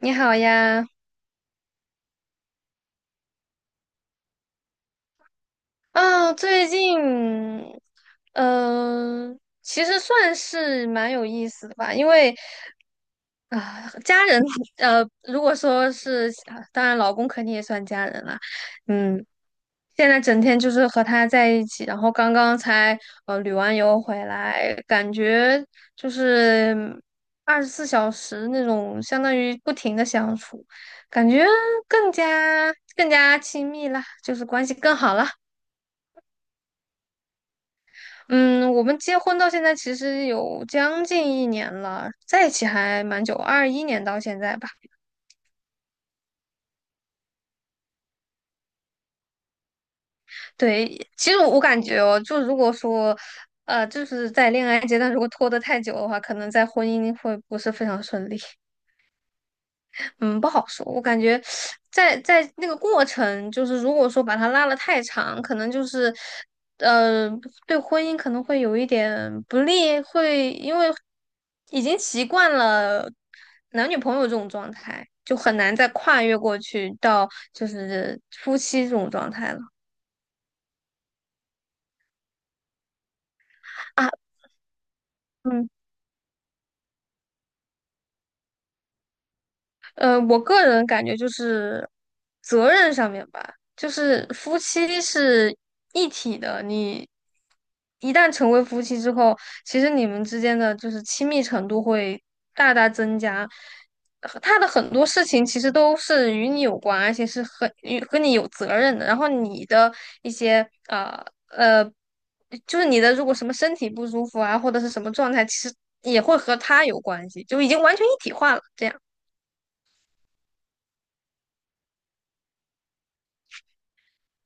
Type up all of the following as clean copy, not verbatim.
你好呀，啊，最近，嗯、其实算是蛮有意思的吧，因为啊、家人，如果说是，啊当然老公肯定也算家人啦，嗯，现在整天就是和他在一起，然后刚刚才旅完游回来，感觉就是二十四小时那种相当于不停的相处，感觉更加亲密啦，就是关系更好了。嗯，我们结婚到现在其实有将近一年了，在一起还蛮久，21年到现在吧。对，其实我感觉哦，就如果说，就是在恋爱阶段如果拖得太久的话，可能在婚姻会不是非常顺利。嗯，不好说。我感觉在那个过程，就是如果说把它拉得太长，可能就是呃，对婚姻可能会有一点不利，会因为已经习惯了男女朋友这种状态，就很难再跨越过去到就是夫妻这种状态了。啊，嗯。我个人感觉就是责任上面吧，就是夫妻是一体的。你一旦成为夫妻之后，其实你们之间的就是亲密程度会大大增加。他的很多事情其实都是与你有关，而且是很与和你有责任的。然后你的一些，就是你的如果什么身体不舒服啊，或者是什么状态，其实也会和他有关系，就已经完全一体化了。这样。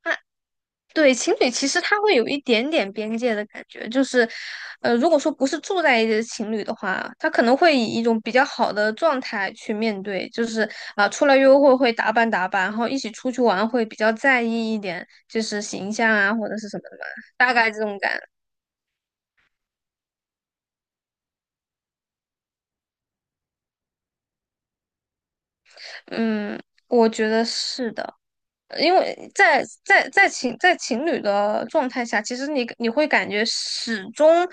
啊对，情侣其实他会有一点点边界的感觉，就是，如果说不是住在一起的情侣的话，他可能会以一种比较好的状态去面对，就是啊、出来约会会打扮打扮，然后一起出去玩会比较在意一点，就是形象啊或者是什么的嘛，大概这种感，嗯，我觉得是的。因为在情侣的状态下，其实你会感觉始终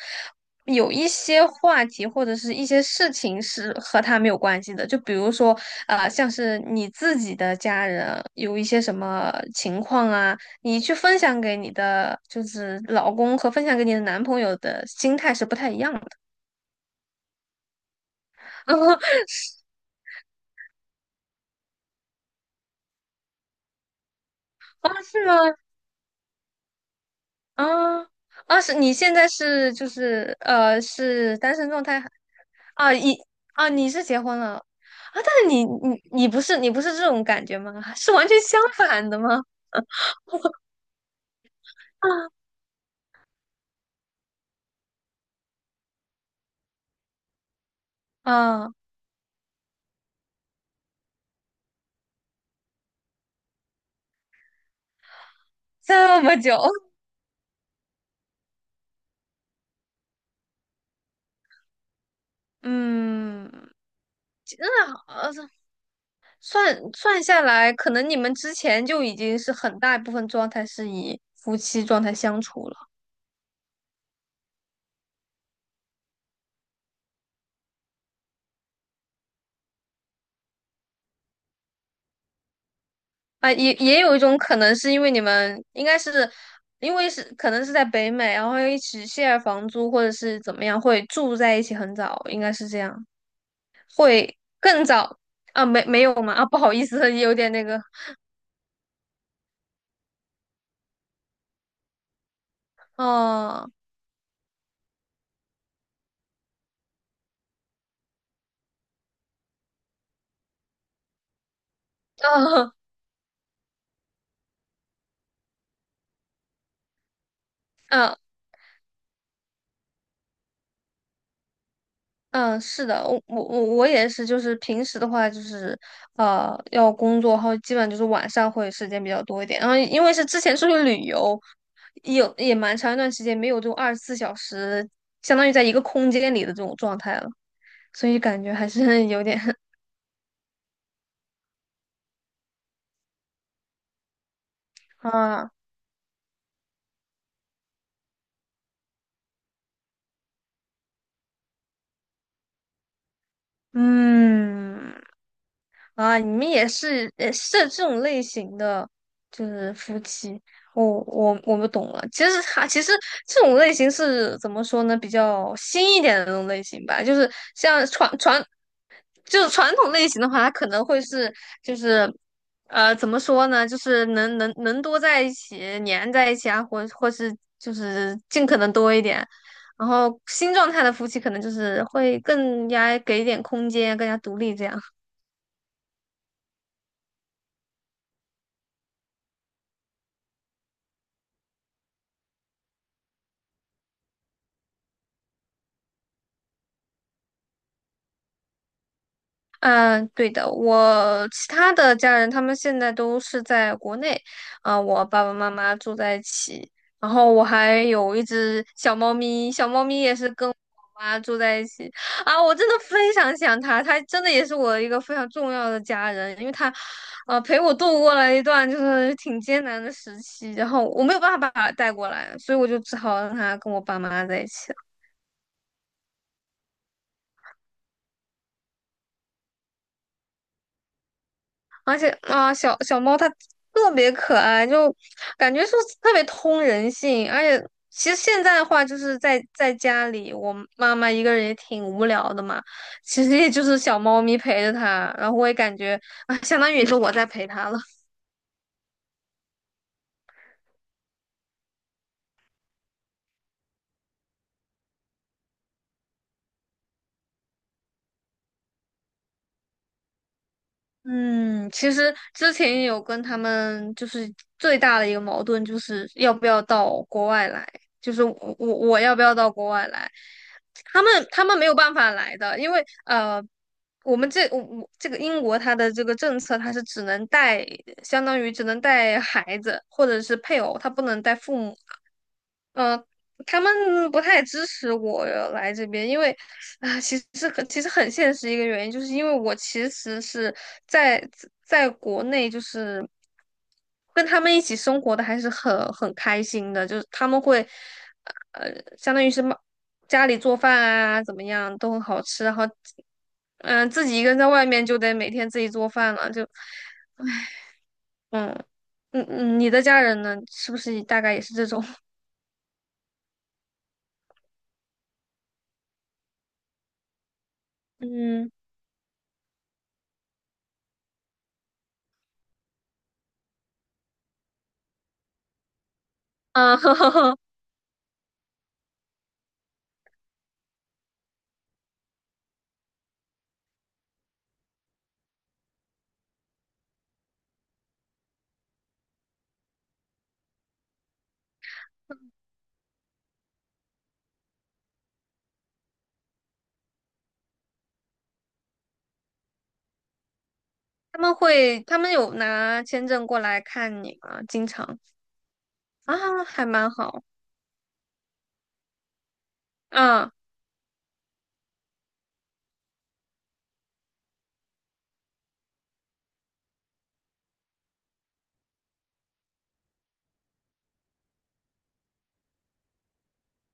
有一些话题或者是一些事情是和他没有关系的。就比如说，像是你自己的家人有一些什么情况啊，你去分享给你的就是老公和分享给你的男朋友的心态是不太一样的，是吗？啊啊，是你现在是就是是单身状态还啊你啊你是结婚了啊，但是你不是这种感觉吗？是完全相反的吗？啊啊，这么久，嗯，那好，算算下来，可能你们之前就已经是很大一部分状态是以夫妻状态相处了。啊，也有一种可能是因为你们应该是因为是可能是在北美，然后又一起 share 房租或者是怎么样，会住在一起很早，应该是这样，更早啊，没有吗？啊，不好意思，有点那个，哦，哦，啊嗯，是的，我也是，就是平时的话，就是要工作，然后基本就是晚上会时间比较多一点。然后因为是之前出去旅游，有也蛮长一段时间没有这种二十四小时，相当于在一个空间里的这种状态了，所以感觉还是有点 啊，嗯。啊，你们也是这种类型的，就是夫妻。我不懂了。其实这种类型是怎么说呢？比较新一点的那种类型吧，就是像就是传统类型的话，他可能会是就是怎么说呢？就是能多在一起，粘在一起啊，或是就是尽可能多一点。然后新状态的夫妻可能就是会更加给一点空间，更加独立这样。嗯，对的，我其他的家人他们现在都是在国内，啊、我爸爸妈妈住在一起，然后我还有一只小猫咪，小猫咪也是跟我妈住在一起，啊，我真的非常想它，它真的也是我一个非常重要的家人，因为它，陪我度过了一段就是挺艰难的时期，然后我没有办法把它带过来，所以我就只好让它跟我爸妈在一起。而且啊，小猫它特别可爱，就感觉是特别通人性。而且其实现在的话，就是在家里，我妈妈一个人也挺无聊的嘛，其实也就是小猫咪陪着她，然后我也感觉啊，相当于也是我在陪她了。嗯，其实之前也有跟他们就是最大的一个矛盾，就是要不要到国外来，就是我要不要到国外来，他们没有办法来的，因为我们这我这个英国它的这个政策，它是只能带，相当于只能带孩子或者是配偶，他不能带父母。嗯、他们不太支持我来这边，因为啊，其实很现实一个原因，就是因为我其实是在国内，就是跟他们一起生活的还是很开心的，就是他们会呃，相当于是妈家里做饭啊，怎么样都很好吃，然后嗯、自己一个人在外面就得每天自己做饭了，就嗯你的家人呢，是不是大概也是这种？嗯。啊，他们有拿签证过来看你吗？经常啊，还蛮好啊。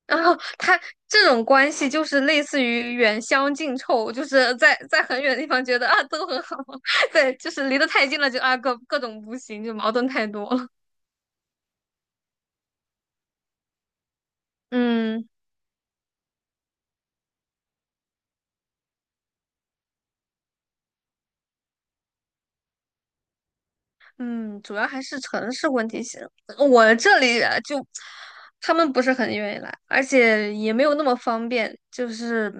然后他这种关系就是类似于远香近臭，就是在很远的地方觉得啊都很好，对，就是离得太近了就啊各种不行，就矛盾太多了。嗯。嗯，主要还是城市问题性。我这里啊就他们不是很愿意来，而且也没有那么方便。就是，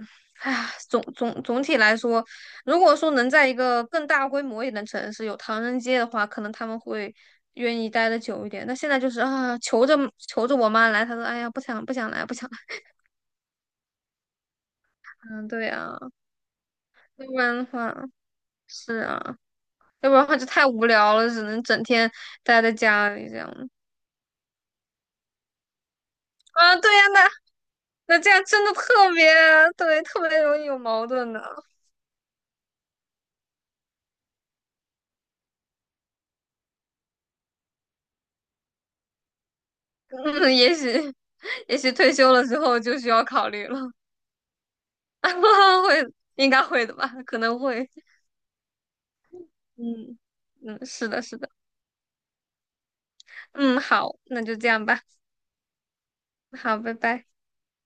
哎呀，总体来说，如果说能在一个更大规模一点的城市有唐人街的话，可能他们会愿意待得久一点。那现在就是啊，求着求着我妈来，她说哎呀，不想不想来，不想来。嗯，对呀，要不然的话是啊，要不然的话就太无聊了，只能整天待在家里这样。啊，对呀、那这样真的特别对，特别容易有矛盾的。嗯，也许退休了之后就需要考虑了，应该会的吧，可能会。嗯嗯，是的，是的。嗯，好，那就这样吧。好，拜拜。